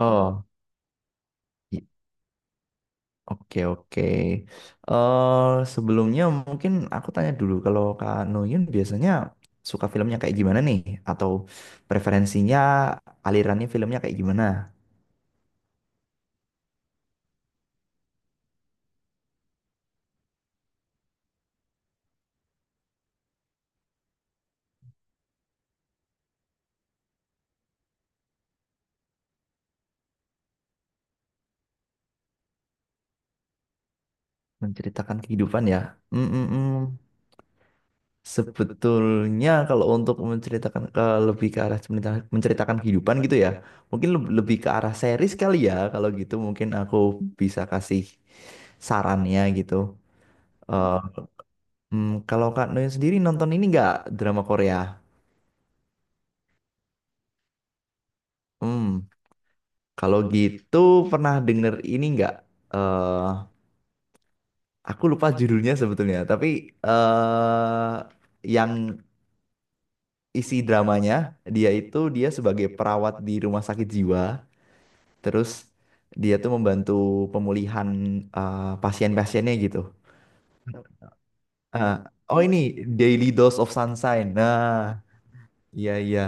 Oh, i- oke oke. Sebelumnya mungkin aku tanya dulu kalau Kak Noyun biasanya suka filmnya kayak gimana nih? Atau preferensinya alirannya filmnya kayak gimana? Menceritakan kehidupan ya. Mm mm, mm. Sebetulnya kalau untuk menceritakan ke lebih ke arah menceritakan kehidupan gitu ya, mungkin lebih ke arah series kali ya. Kalau gitu mungkin aku bisa kasih sarannya gitu. Eh, kalau Kak Noen sendiri nonton ini nggak drama Korea? Hmm, kalau gitu pernah denger ini nggak? eh aku lupa judulnya sebetulnya, tapi eh yang isi dramanya dia itu dia sebagai perawat di rumah sakit jiwa, terus dia tuh membantu pemulihan pasien-pasiennya gitu. Eh, oh ini Daily Dose of Sunshine. Nah, iya iya.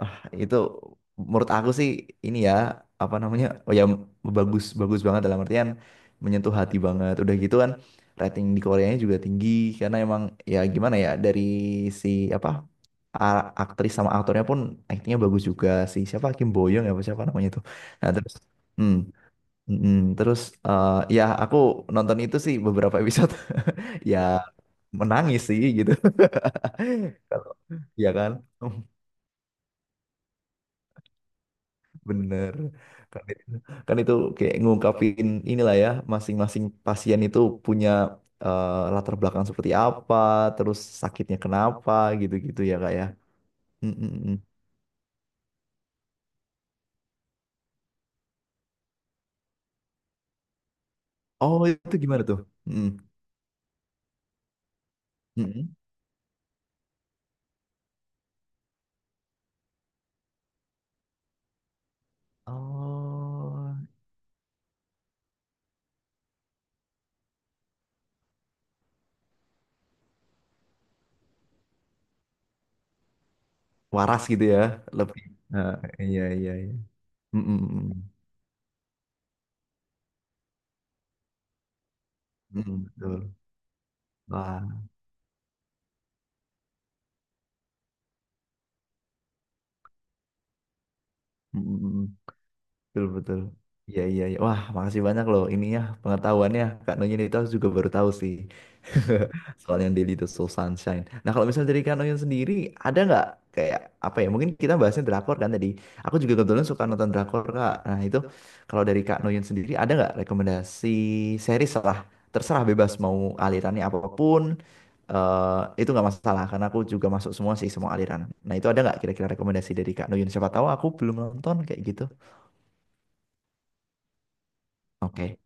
Ah, itu menurut aku sih ini ya apa namanya oh ya bagus bagus banget dalam artian menyentuh hati banget udah gitu kan rating di Koreanya juga tinggi karena emang ya gimana ya dari si apa aktris sama aktornya pun aktingnya bagus juga si siapa Kim Boyong ya apa siapa namanya itu nah terus hmm, mm, mm. Terus eh, ya aku nonton itu sih beberapa episode ya menangis sih gitu ya kan. Bener. Kan itu, kan itu kayak ngungkapin inilah ya, masing-masing pasien itu punya latar belakang seperti apa, terus sakitnya kenapa, gitu-gitu ya kak ya. Mm, mm, mm. Oh itu gimana tuh? Mm, mm, mm. Oh waras gitu ya, lebih. Nah, iya iya iya. Mm, mm, mm. Mm, mm, betul. Wah. Mm, mm, mm. Betul, betul. Iya, iya, iya. Wah, makasih banyak loh ininya pengetahuannya. Kak Nonnya itu aku juga baru tahu sih. Soalnya Daily the Soul Sunshine. Nah, kalau misalnya dari Kak Nonnya sendiri, ada nggak kayak apa ya? Mungkin kita bahasnya drakor kan tadi. Aku juga kebetulan suka nonton drakor, Kak. Nah, itu kalau dari Kak Nonnya sendiri, ada nggak rekomendasi series lah? Terserah bebas mau alirannya apapun. Itu nggak masalah karena aku juga masuk semua sih semua aliran. Nah itu ada nggak kira-kira rekomendasi dari Kak Noyun? Siapa tahu aku belum nonton kayak gitu. Oke.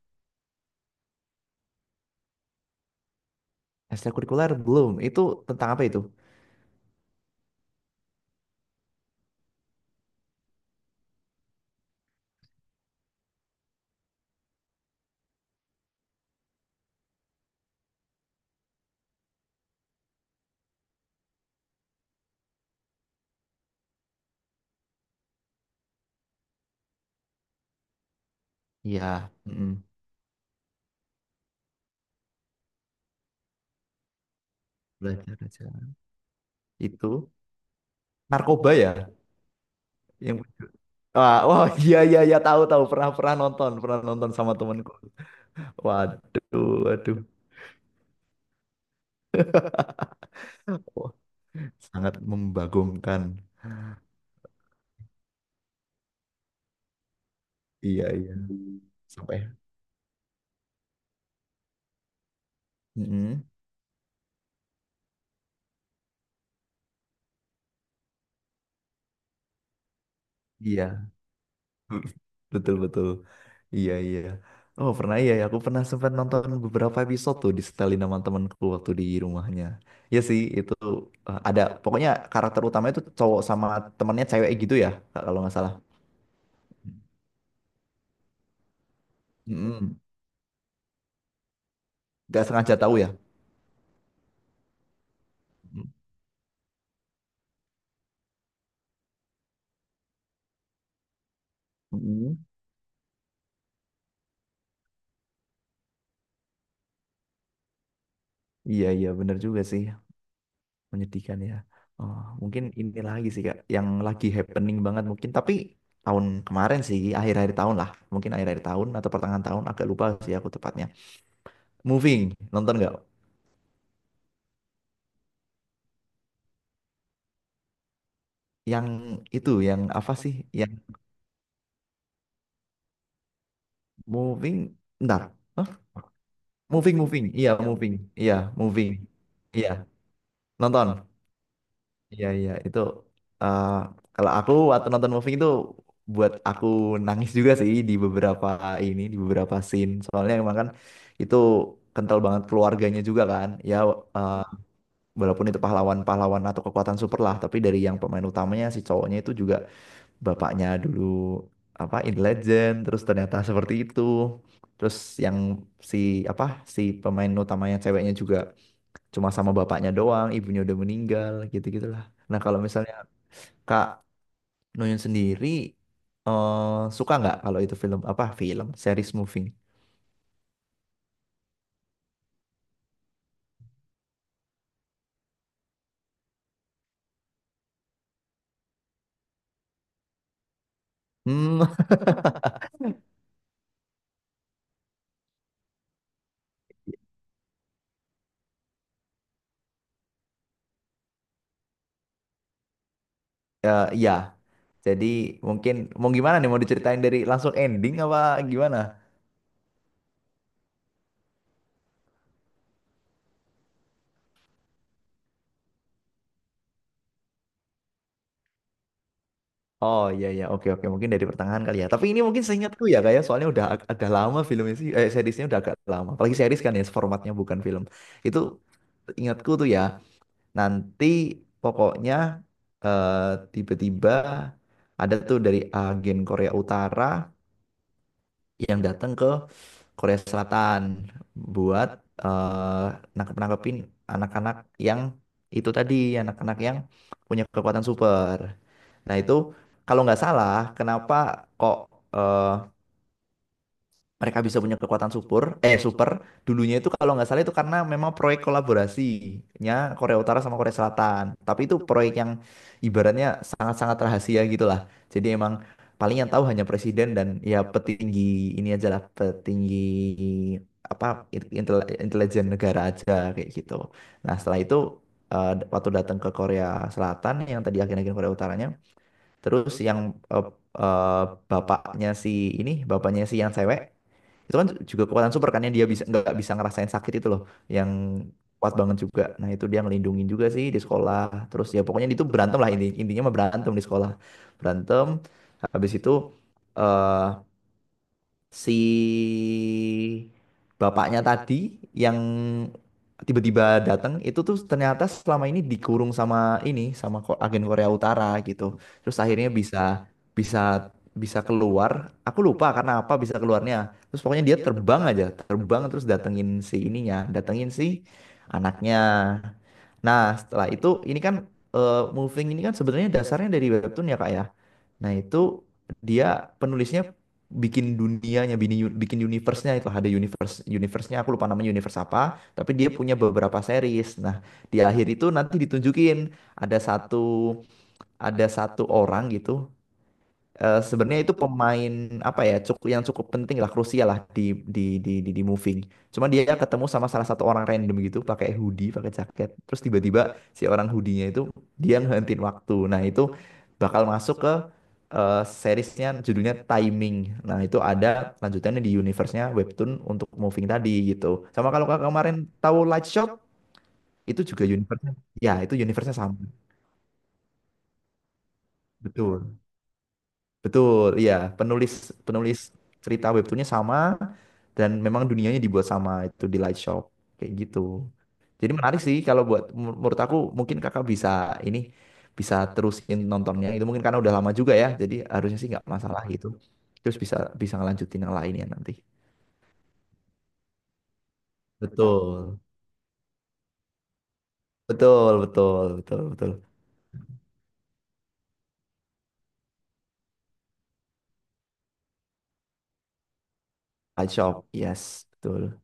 Ekstrakurikuler belum. Itu tentang apa itu? Iya, mm, belajar aja. Itu narkoba ya? Yang wah, wah, iya iya iya tahu tahu pernah pernah nonton sama temanku. Waduh, waduh. Wah, sangat membagongkan. Iya iya. Sampai. Mm-mm. Iya. Betul betul. Iya iya. Oh pernah iya ya. Aku pernah sempat nonton beberapa episode tuh di setelin sama temanku waktu di rumahnya. Iya sih itu ada pokoknya karakter utamanya itu cowok sama temannya cewek gitu ya Kak, kalau nggak salah. Mm-mm. Nggak sengaja tahu ya. Mm-mm. Iya iya bener juga sih menyedihkan ya. Oh, mungkin ini lagi sih Kak yang lagi happening banget mungkin tapi tahun kemarin sih akhir-akhir tahun lah mungkin akhir-akhir tahun atau pertengahan tahun agak lupa sih aku tepatnya. Moving nonton nggak yang itu yang apa sih yang moving bentar. Hah? Moving moving iya moving iya moving iya nonton iya iya itu eh, kalau aku waktu nonton moving itu buat aku nangis juga sih di beberapa ini di beberapa scene soalnya emang kan itu kental banget keluarganya juga kan ya eh, walaupun itu pahlawan-pahlawan atau kekuatan super lah tapi dari yang pemain utamanya si cowoknya itu juga bapaknya dulu apa in Legend terus ternyata seperti itu terus yang si apa si pemain utamanya ceweknya juga cuma sama bapaknya doang ibunya udah meninggal gitu gitulah nah kalau misalnya Kak Nuyun sendiri suka nggak kalau itu film apa film series moving. Hmm. Ya iya. Jadi mungkin mau gimana nih mau diceritain dari langsung ending apa gimana. Oh iya iya oke oke mungkin dari pertengahan kali ya. Tapi ini mungkin seingatku ya kayak soalnya udah agak lama filmnya sih seriesnya udah agak lama. Apalagi series kan ya formatnya bukan film. Itu ingatku tuh ya nanti pokoknya eh, tiba-tiba ada tuh dari agen Korea Utara yang datang ke Korea Selatan buat eh nangkep-nangkepin anak-anak yang itu tadi anak-anak yang punya kekuatan super. Nah itu kalau nggak salah, kenapa kok eh, mereka bisa punya kekuatan super? Super dulunya itu kalau nggak salah itu karena memang proyek kolaborasinya Korea Utara sama Korea Selatan. Tapi itu proyek yang ibaratnya sangat-sangat rahasia gitulah. Jadi emang paling yang tahu hanya presiden dan ya petinggi ini aja lah petinggi apa intel, intelijen negara aja kayak gitu. Nah setelah itu eh, waktu datang ke Korea Selatan yang tadi akhir-akhir Korea Utaranya terus yang eh, eh, bapaknya si ini, bapaknya si yang cewek, itu kan juga kekuatan super kan yang dia bisa nggak bisa ngerasain sakit itu loh, yang kuat banget juga. Nah itu dia ngelindungin juga sih di sekolah. Terus ya pokoknya itu berantem lah intinya mah berantem di sekolah, berantem. Habis itu eh, si bapaknya tadi yang tiba-tiba datang itu tuh ternyata selama ini dikurung sama ini sama agen Korea Utara gitu. Terus akhirnya bisa bisa bisa keluar. Aku lupa karena apa bisa keluarnya. Terus pokoknya dia terbang aja, terbang terus datengin si ininya, datengin si anaknya. Nah, setelah itu ini kan Moving ini kan sebenarnya dasarnya dari webtoon ya Kak ya. Nah, itu dia penulisnya bikin dunianya, bikin universe-nya itu ada universe universe-nya aku lupa namanya universe apa, tapi dia punya beberapa series. Nah, di akhir itu nanti ditunjukin ada satu ada satu orang gitu sebenarnya itu pemain apa ya cukup yang cukup penting lah krusial lah di di di moving. Cuma dia ketemu sama salah satu orang random gitu pakai hoodie, pakai jaket. Terus tiba-tiba si orang hoodie-nya itu dia ngehentiin waktu. Nah, itu bakal masuk ke seriesnya judulnya Timing. Nah, itu ada lanjutannya di universe-nya webtoon untuk moving tadi gitu. Sama kalau kakak kemarin tahu Light Shop itu juga universe-nya. Ya, itu universe-nya sama. Betul. Betul, iya. Penulis penulis cerita webtoonnya sama dan memang dunianya dibuat sama itu di Light Shop kayak gitu. Jadi menarik sih kalau buat menurut aku mungkin kakak bisa ini bisa terusin nontonnya itu mungkin karena udah lama juga ya. Jadi harusnya sih nggak masalah gitu. Terus bisa bisa ngelanjutin yang lainnya nanti. Betul, betul, betul, betul, betul. Light Shop, yes, betul.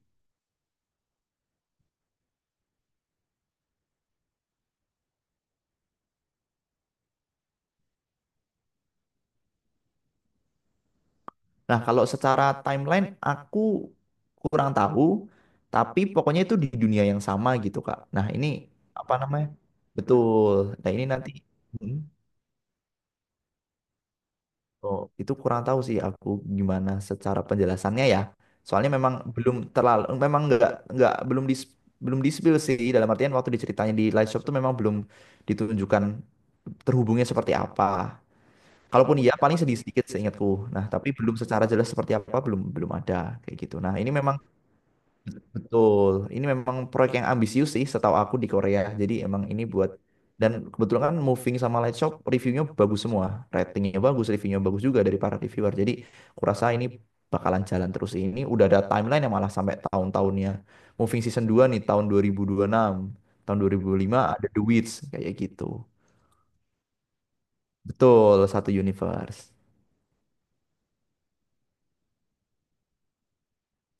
Nah, kalau secara timeline aku kurang tahu, tapi pokoknya itu di dunia yang sama gitu, Kak. Nah, ini apa namanya? Betul. Nah, ini nanti hmm. Oh, itu kurang tahu sih aku gimana secara penjelasannya ya. Soalnya memang belum terlalu memang nggak belum di spill sih dalam artian waktu diceritain di live shop tuh memang belum ditunjukkan terhubungnya seperti apa. Kalaupun iya paling sedikit sedikit seingatku. Nah, tapi belum secara jelas seperti apa belum belum ada kayak gitu. Nah, ini memang betul. Ini memang proyek yang ambisius sih setahu aku di Korea. Jadi emang ini buat dan kebetulan kan Moving sama Light Shop reviewnya bagus semua. Ratingnya bagus, reviewnya bagus juga dari para reviewer. Jadi kurasa ini bakalan jalan terus. Ini udah ada timeline yang malah sampai tahun-tahunnya. Moving season 2 nih tahun dua ribu enam tahun dua ribu lima ada The Witch kayak gitu. Betul, satu universe.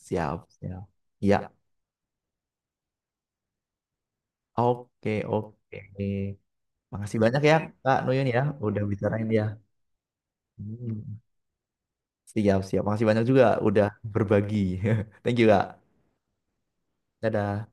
Siap, siap. Ya, oke, oke. Makasih banyak ya Kak Nuyun ya udah bicarain dia. Hmm. Siap, siap. Makasih banyak juga udah berbagi. Thank you, Kak. Dadah.